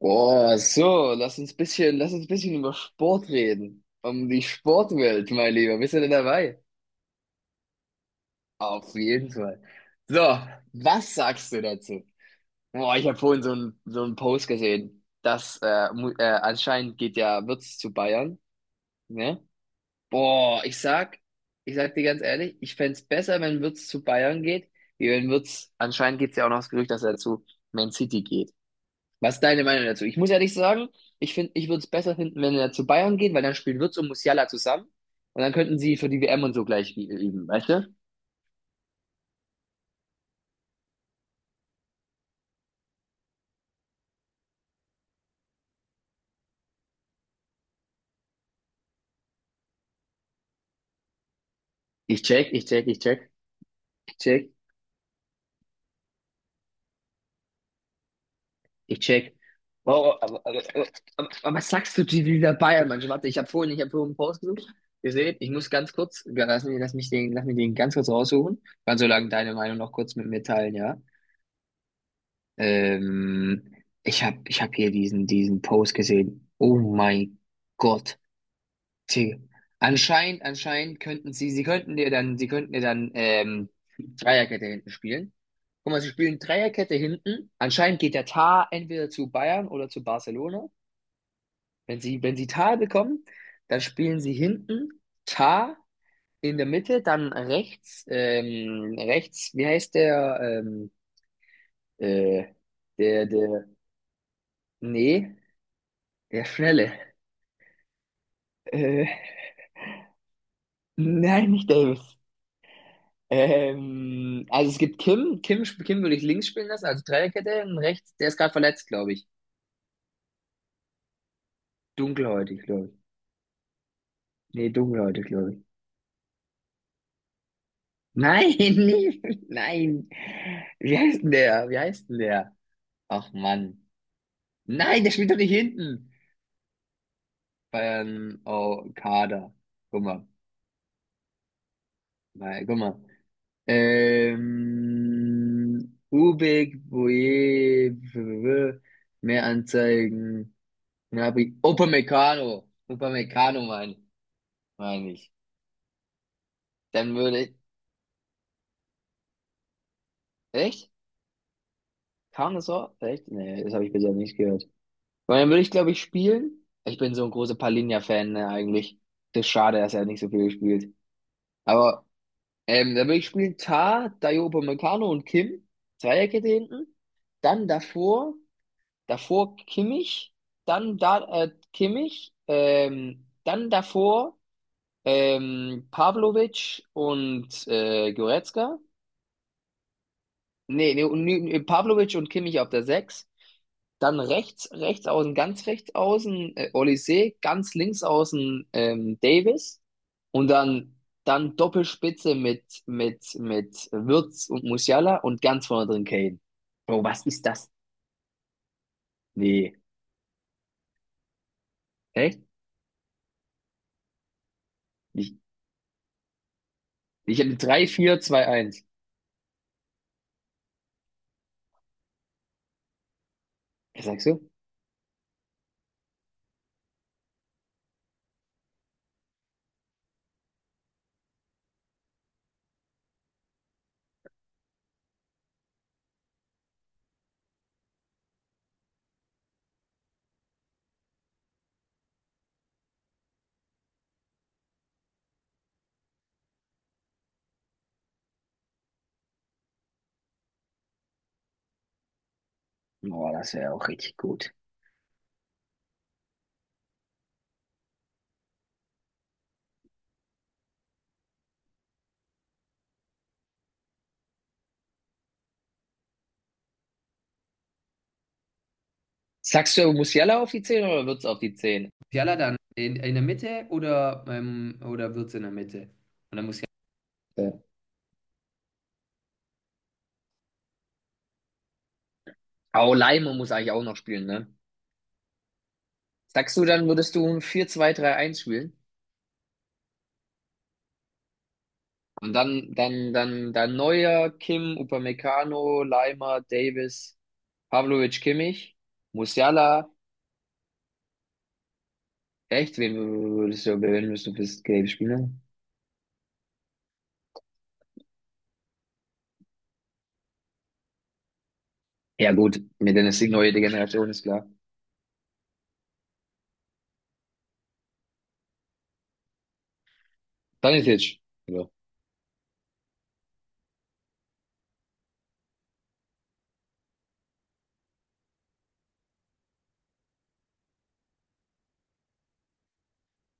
Boah, so, lass uns bisschen über Sport reden. Um die Sportwelt, mein Lieber. Bist du denn dabei? Auf jeden Fall. So, was sagst du dazu? Boah, ich habe vorhin so einen Post gesehen, dass anscheinend geht ja Wirtz zu Bayern, ne? Boah, ich sag dir ganz ehrlich, ich fänd's besser, wenn Wirtz zu Bayern geht, wie wenn Wirtz, anscheinend gibt's ja auch noch das Gerücht, dass er zu Man City geht. Was ist deine Meinung dazu? Ich muss ehrlich sagen, ich finde, ich würde es besser finden, wenn er zu Bayern geht, weil dann spielen Wirtz und Musiala zusammen und dann könnten sie für die WM und so gleich üben, weißt du? Ich check, ich check, ich check, ich check, ich check. Oh, aber was sagst du zu dieser Bayern-Mannschaft? Warte, ich habe vorhin einen Post gesucht. Ihr seht, ich muss ganz kurz, ja, lass mich den ganz kurz raussuchen. Kannst so lange deine Meinung noch kurz mit mir teilen, ja? Ähm, ich habe hier diesen Post gesehen. Oh mein Gott. Tee. Anscheinend könnten sie, sie könnten dir dann, sie könnten dir dann Dreierkette hinten spielen. Guck mal, sie spielen Dreierkette hinten. Anscheinend geht der Tar entweder zu Bayern oder zu Barcelona. Wenn sie Tar bekommen, dann spielen sie hinten Tar in der Mitte, dann rechts, rechts, wie heißt der, ähm, äh, der, der, nee, der Schnelle. Äh, nein, nicht Davis. Also es gibt Kim. Kim würde ich links spielen lassen, also Dreierkette. Und rechts, der ist gerade verletzt, glaube ich. Dunkelhäutig, glaube ich. Nee, dunkelhäutig, glaube ich. Nein, nee, nein. Wie heißt denn der? Wie heißt denn der? Ach Mann. Nein, der spielt doch nicht hinten. Bayern, oh, Kader. Guck mal. Nein, guck mal. Ubik, Boye, Mehranzeigen. Ja, wie Upamecano. Upamecano mein ich. Dann würde ich. Echt? Kam das so? Echt? Nee, das habe ich bisher nicht gehört. Weil dann würde ich, glaube ich, spielen. Ich bin so ein großer Palinja-Fan, ne, eigentlich. Das ist schade, dass er nicht so viel gespielt. Aber dann würde ich spielen Tah, Dayo Upamecano und Kim. Dreierkette hinten. Dann davor Kimmich. Dann da Kimmich. Dann davor. Pavlovic und Goretzka. Nee, nee, nee, Pavlovic und Kimmich auf der sechs. Dann rechts außen, ganz rechts außen, Olise, ganz links außen, Davis. Und dann Doppelspitze mit Wirtz und Musiala und ganz vorne drin Kane. Bro, was ist das? Nee, echt? Ich, ich habe 3-4-2-1. Was sagst du? Boah, das wäre auch richtig gut. Sagst du er muss Musiala auf die 10 oder wird's auf die 10? Musiala dann in der Mitte oder wird's in der Mitte? Und dann Musiala. Ja. Aber Leimer muss eigentlich auch noch spielen, ne? Sagst du, dann würdest du ein 4-2-3-1 spielen? Und dann Neuer, Kim, Upamecano, Leimer, Davis, Pavlovic, Kimmich, Musiala. Echt? Wen würdest du fürs Gelb spielen? Ja, gut. Mit der neue Generation ist klar. Stanisic. Ja.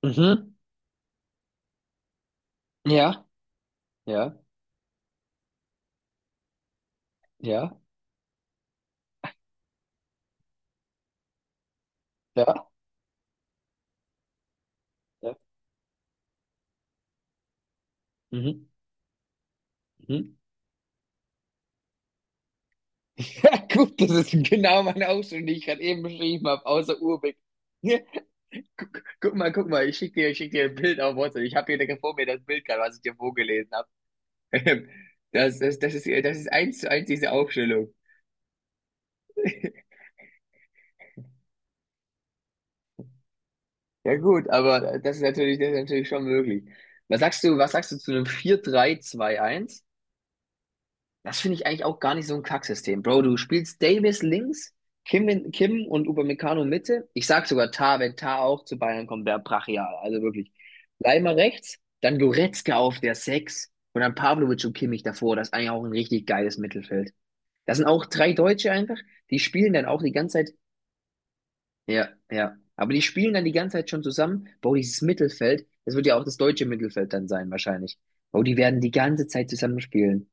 Mhm. Ja, ja, ja. Ja. Ja. Mhm. Mhm. Ja, gut, das ist genau meine Ausstellung, die ich gerade eben beschrieben habe, außer Urbeck. Guck mal, ich schick dir ein Bild auf WhatsApp. Ich habe hier direkt vor mir das Bild gerade, was ich dir vorgelesen habe. Das ist eins zu eins diese Aufstellung. Ja gut, aber das ist natürlich schon möglich. Was sagst du zu einem 4-3-2-1? Das finde ich eigentlich auch gar nicht so ein Kacksystem. Bro, du spielst Davis links, Kim und Upamecano Mitte. Ich sag sogar Tah, wenn Tah auch zu Bayern kommt, wäre brachial. Also wirklich. Leimer rechts, dann Goretzka auf der Sechs und dann Pavlovic und Kimmich davor. Das ist eigentlich auch ein richtig geiles Mittelfeld. Das sind auch drei Deutsche einfach. Die spielen dann auch die ganze Zeit. Ja, ja. Aber die spielen dann die ganze Zeit schon zusammen. Bro, dieses Mittelfeld, das wird ja auch das deutsche Mittelfeld dann sein, wahrscheinlich. Bro, die werden die ganze Zeit zusammen spielen.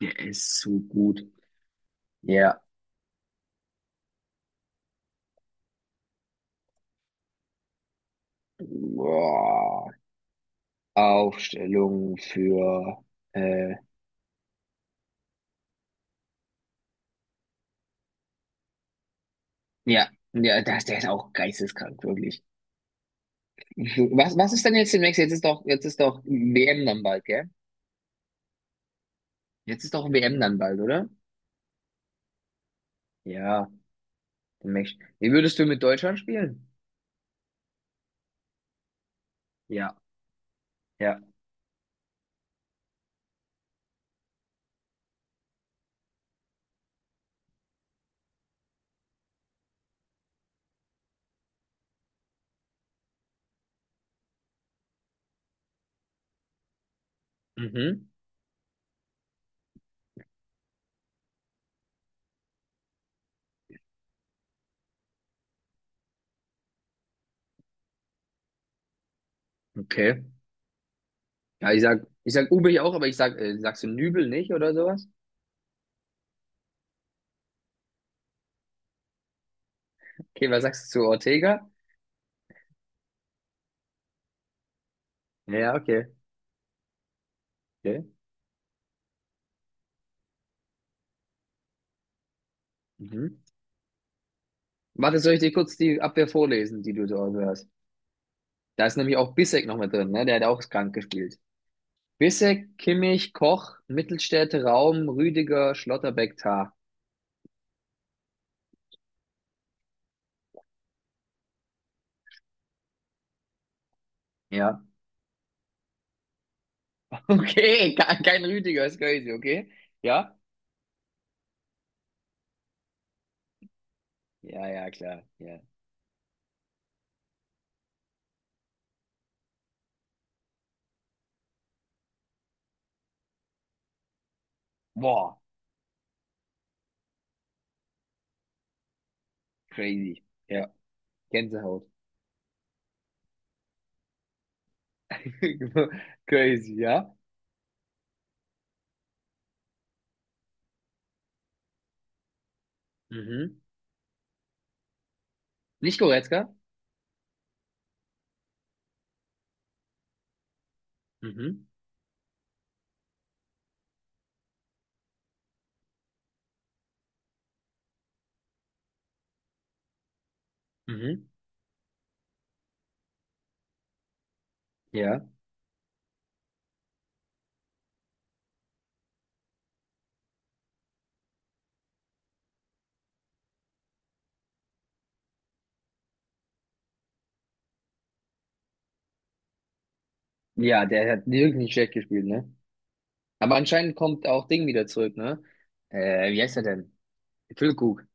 Der ist so gut. Ja. Boah, Aufstellung für, äh, ja, ja, der ist auch geisteskrank, wirklich. Was ist denn jetzt demnächst? Jetzt ist doch WM dann bald, gell? Jetzt ist doch WM dann bald, oder? Ja, demnächst. Wie würdest du mit Deutschland spielen? Ja, ja. Mhm, okay. Ja, ich sag Ubich auch, aber sagst du Nübel nicht oder sowas? Okay, was sagst du zu Ortega? Ja, okay, okay. Mhm. Warte, soll ich dir kurz die Abwehr vorlesen, die du dort hast? Da ist nämlich auch Bissek noch mit drin, ne? Der hat auch krank gespielt. Bissek, Kimmich, Koch, Mittelstädte Raum, Rüdiger, Schlotterbeck, Tah. Ja. Okay, kein Rüdiger, ist crazy, okay? Ja? Ja, ja, klar. Ja. Boah, crazy. Ja, Gänsehaut. Crazy, ja? Mhm. Nicht Goretzka? Mhm. Mhm. Ja. Ja, der hat wirklich nicht schlecht gespielt, ne? Aber anscheinend kommt auch Ding wieder zurück, ne? Wie heißt er denn? Füllkrug.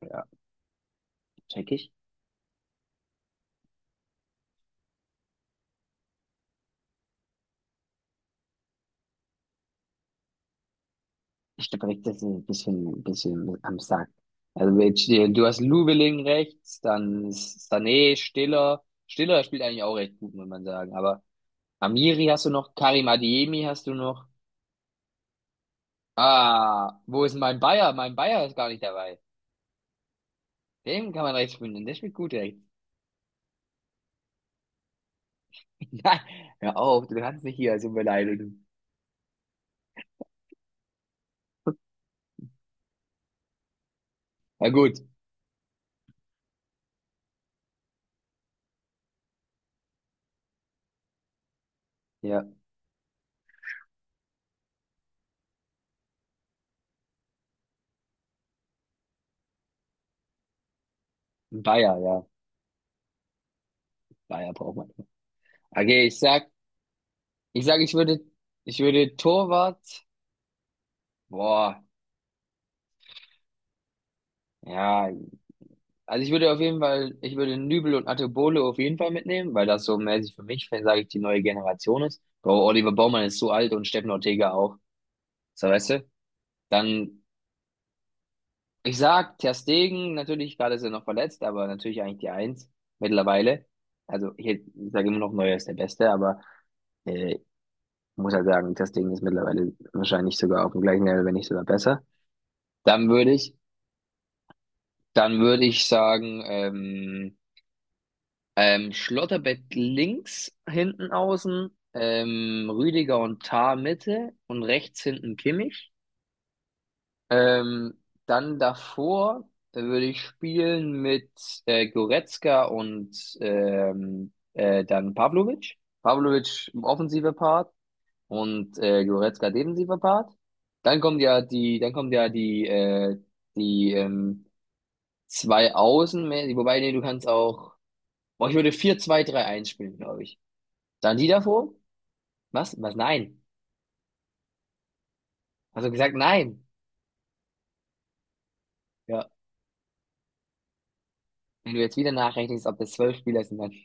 Ja, check ich. Ich glaube, rechts ist ein bisschen am Sack. Also jetzt, du hast Lubeling rechts, dann ist Sané, Stiller. Stiller spielt eigentlich auch recht gut, muss man sagen. Aber Amiri hast du noch, Karim Adeyemi hast du noch. Ah, wo ist mein Bayer? Mein Bayer ist gar nicht dabei. Den kann man rechts spielen, der spielt gut rechts. Nein, hör auf, du kannst nicht hier so beleidigen. Na gut, ja, ja, Bayer braucht man. Okay, ich sag, ich würde Torwart, boah, ja. Also ich würde Nübel und Atebolo auf jeden Fall mitnehmen, weil das so mäßig für mich, sage ich, die neue Generation ist. Bro, Oliver Baumann ist so alt und Steffen Ortega auch. So, weißt du? Dann, ich sag, Ter Stegen, natürlich, gerade ist er noch verletzt, aber natürlich eigentlich die Eins mittlerweile. Also ich sage immer noch, Neuer ist der Beste, aber äh, muss halt sagen, Ter Stegen ist mittlerweile wahrscheinlich sogar auf dem gleichen Level, wenn nicht sogar besser. Dann würde ich, dann würde ich sagen, Schlotterbeck links hinten außen, Rüdiger und Tah Mitte und rechts hinten Kimmich. Ähm, Dann davor würde ich spielen mit Goretzka und dann Pavlovic. Pavlovic im offensive Part und Goretzka defensiver Part. Dann kommt ja die, dann kommt ja die, die zwei Außen, wobei nee, du kannst auch, boah, ich würde 4-2-3-1 spielen, glaube ich. Dann die davor? Was? Was? Nein. Hast du gesagt nein? Ja. Wenn du jetzt wieder nachrechnest, ob das 12 Spieler sind, dann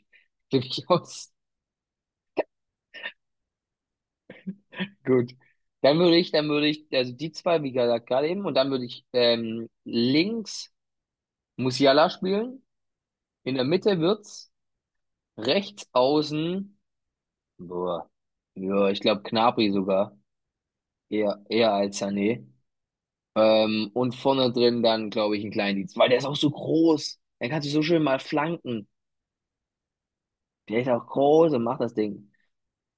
bin ich aus. Gut. Dann würde ich, also die zwei, wie gesagt, gerade eben, und dann würde ich links Musiala spielen. In der Mitte wird's rechts außen. Boah. Ja, ich glaube Gnabry sogar. Eher als Sané. Und vorne drin dann, glaube ich, einen Kleindienst, weil der ist auch so groß. Er kann sich so schön mal flanken. Der ist auch groß und macht das Ding.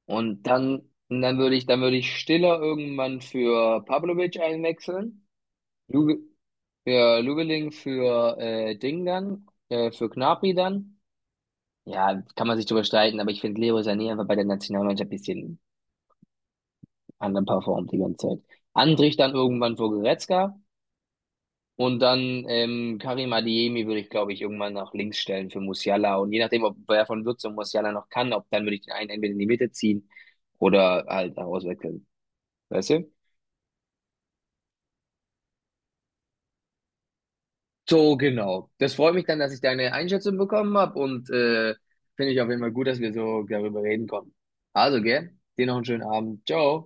Und dann, und dann würde ich Stiller irgendwann für Pavlovic einwechseln. Luge, für Lugeling, für Ding dann, für Gnabry dann. Ja, kann man sich drüber streiten, aber ich finde Leroy Sané einfach bei der Nationalmannschaft ein bisschen anderen performt die ganze Zeit. Andrich dann irgendwann für Goretzka und dann Karim Adeyemi würde ich, glaube ich, irgendwann nach links stellen für Musiala. Und je nachdem, ob wer von Würz und Musiala noch kann, ob dann würde ich den einen entweder in die Mitte ziehen oder halt auswechseln. Weißt du? So, genau. Das freut mich dann, dass ich deine Einschätzung bekommen habe und finde ich auf jeden Fall gut, dass wir so darüber reden konnten. Also, gell? Dir noch einen schönen Abend. Ciao.